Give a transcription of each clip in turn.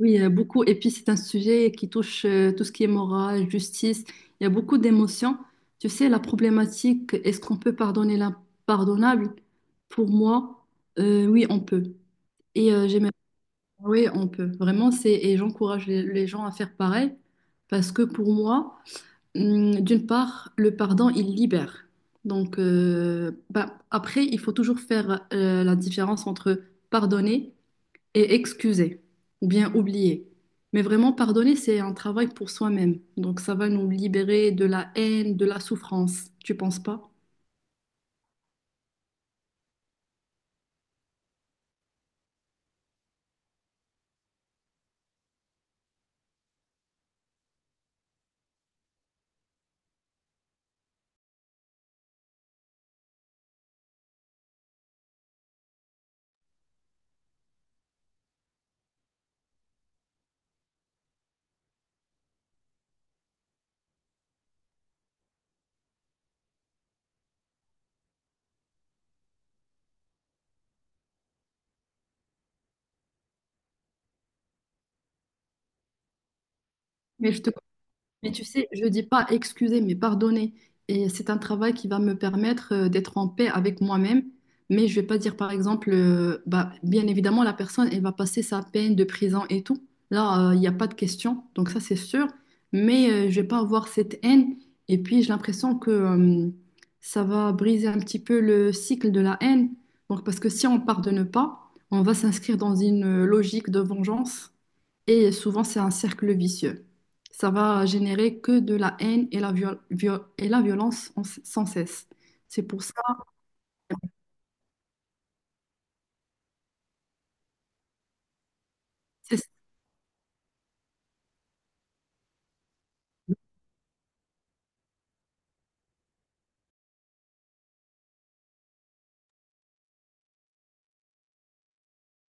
Oui, beaucoup. Et puis, c'est un sujet qui touche tout ce qui est morale, justice. Il y a beaucoup d'émotions. Tu sais, la problématique, est-ce qu'on peut pardonner l'impardonnable? Pour moi, oui, on peut. Et j'aimerais, oui, on peut. Vraiment, et j'encourage les gens à faire pareil parce que pour moi, d'une part, le pardon, il libère. Donc, bah, après, il faut toujours faire la différence entre pardonner et excuser ou bien oublier. Mais vraiment, pardonner, c'est un travail pour soi-même. Donc, ça va nous libérer de la haine, de la souffrance. Tu penses pas? Mais je te Mais tu sais, je dis pas excuser, mais pardonner. Et c'est un travail qui va me permettre d'être en paix avec moi-même. Mais je vais pas dire, par exemple, bah, bien évidemment, la personne, elle va passer sa peine de prison et tout. Là, il n'y a pas de question. Donc ça, c'est sûr. Mais je vais pas avoir cette haine. Et puis, j'ai l'impression que ça va briser un petit peu le cycle de la haine. Donc, parce que si on pardonne pas, on va s'inscrire dans une logique de vengeance. Et souvent, c'est un cercle vicieux ça va générer que de la haine et et la violence sans cesse. C'est pour ça, c'est-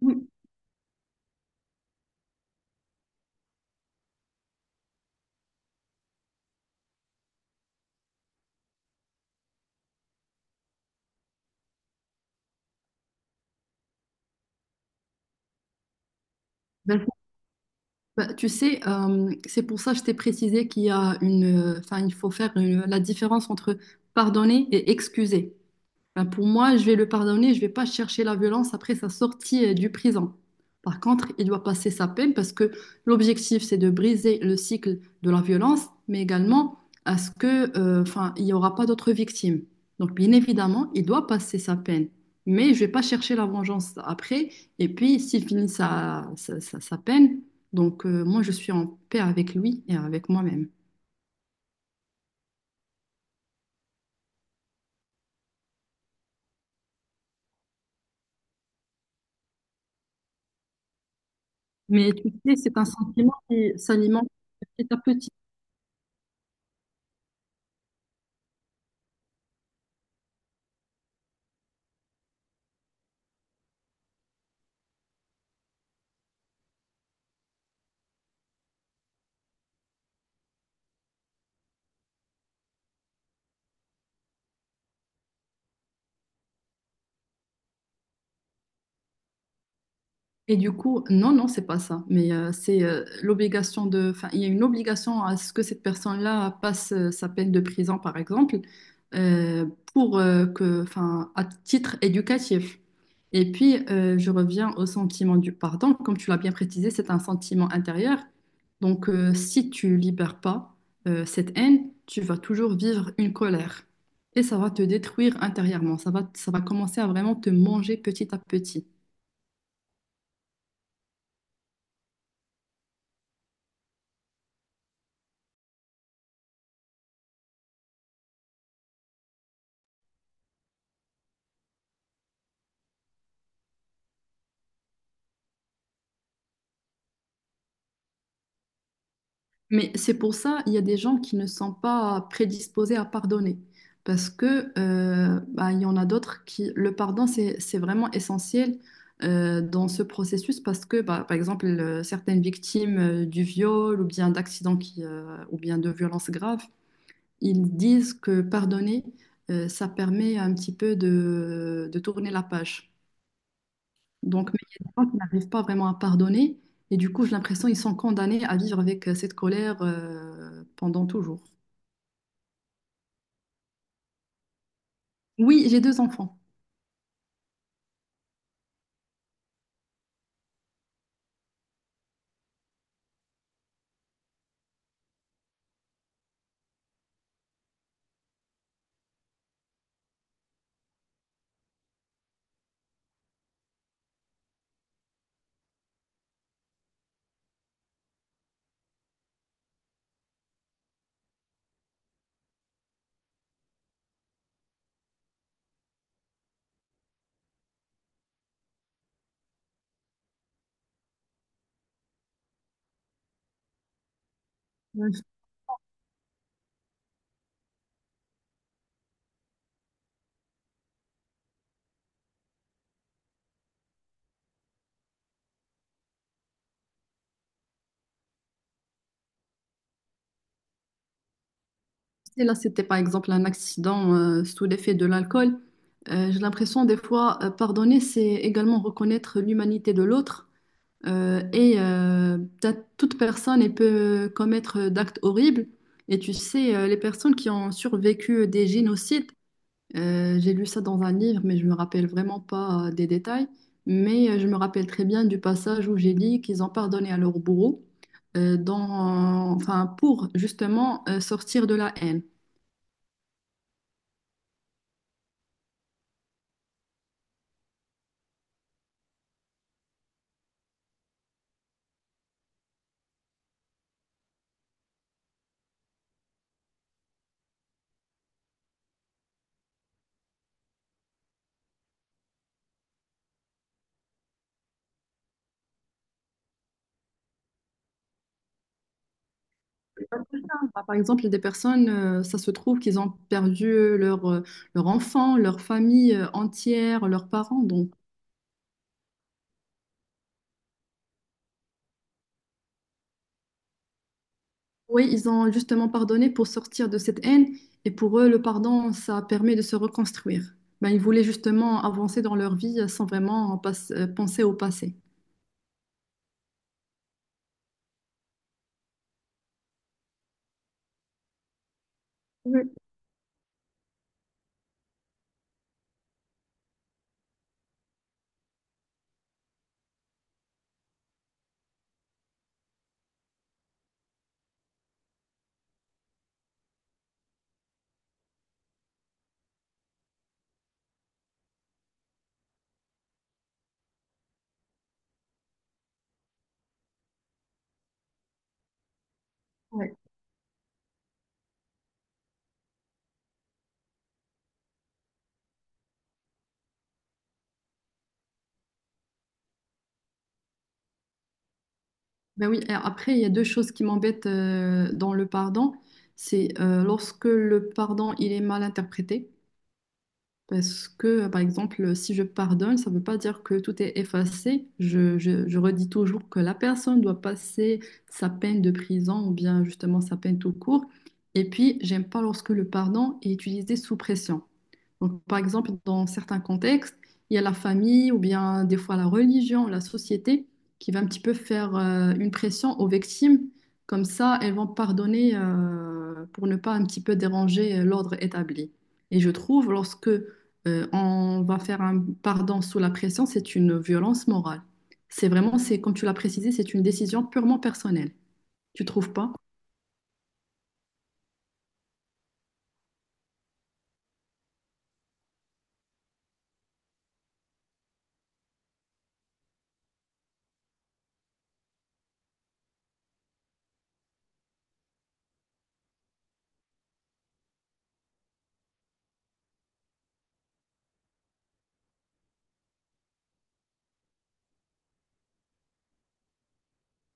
oui, ben, ben, tu sais, c'est pour ça que je t'ai précisé qu'il y a une, enfin, il faut faire la différence entre pardonner et excuser. Ben, pour moi, je vais le pardonner, je vais pas chercher la violence après sa sortie du prison. Par contre, il doit passer sa peine parce que l'objectif, c'est de briser le cycle de la violence, mais également à ce que, enfin, il n'y aura pas d'autres victimes. Donc, bien évidemment, il doit passer sa peine. Mais je vais pas chercher la vengeance après. Et puis, s'il finit sa peine, donc moi, je suis en paix avec lui et avec moi-même. Mais tu sais, c'est un sentiment qui s'alimente petit à petit. Et du coup, non, non, c'est pas ça. Mais c'est l'obligation de. Enfin, il y a une obligation à ce que cette personne-là passe sa peine de prison, par exemple, euh, pour que, enfin, à titre éducatif. Et puis, je reviens au sentiment du pardon. Comme tu l'as bien précisé, c'est un sentiment intérieur. Donc, si tu libères pas cette haine, tu vas toujours vivre une colère. Et ça va te détruire intérieurement. Ça va commencer à vraiment te manger petit à petit. Mais c'est pour ça, il y a des gens qui ne sont pas prédisposés à pardonner. Parce que, bah, il y en a d'autres qui, c'est vraiment essentiel dans ce processus parce que, bah, par exemple, certaines victimes du viol ou bien d'accidents qui, ou bien de violences graves, ils disent que pardonner, ça permet un petit peu de tourner la page. Donc, mais il y a des gens qui n'arrivent pas vraiment à pardonner et du coup, j'ai l'impression qu'ils sont condamnés à vivre avec cette colère pendant toujours. Oui, j'ai deux enfants. Je sais, là, c'était par exemple un accident sous l'effet de l'alcool. J'ai l'impression des fois, pardonner, c'est également reconnaître l'humanité de l'autre et peut-être toute personne elle peut commettre d'actes horribles. Et tu sais, les personnes qui ont survécu des génocides, j'ai lu ça dans un livre, mais je me rappelle vraiment pas des détails. Mais je me rappelle très bien du passage où j'ai dit qu'ils ont pardonné à leur bourreau dans, enfin, pour justement sortir de la haine. C'est pas tout le temps. Par exemple, des personnes, ça se trouve qu'ils ont perdu leur, euh, leur enfant, leur famille entière, leurs parents. Donc, oui, ils ont justement pardonné pour sortir de cette haine et pour eux, le pardon, ça permet de se reconstruire. Ben, ils voulaient justement avancer dans leur vie sans vraiment en penser au passé. Oui. Ouais. Ben oui, et après, il y a deux choses qui m'embêtent dans le pardon. C'est lorsque le pardon, il est mal interprété. Parce que, par exemple, si je pardonne, ça ne veut pas dire que tout est effacé. Je redis toujours que la personne doit passer sa peine de prison ou bien justement sa peine tout court. Et puis, j'aime pas lorsque le pardon est utilisé sous pression. Donc, par exemple, dans certains contextes, il y a la famille ou bien des fois la religion, la société qui va un petit peu faire une pression aux victimes. Comme ça, elles vont pardonner pour ne pas un petit peu déranger l'ordre établi. Et je trouve, lorsque on va faire un pardon sous la pression, c'est une violence morale. C'est vraiment, c'est comme tu l'as précisé, c'est une décision purement personnelle. Tu trouves pas?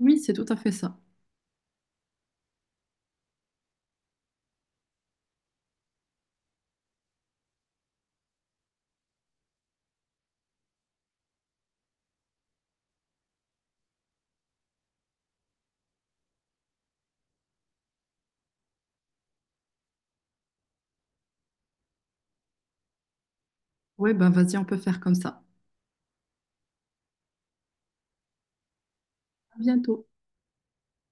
Oui, c'est tout à fait ça. Oui, ben vas-y, on peut faire comme ça. À bientôt.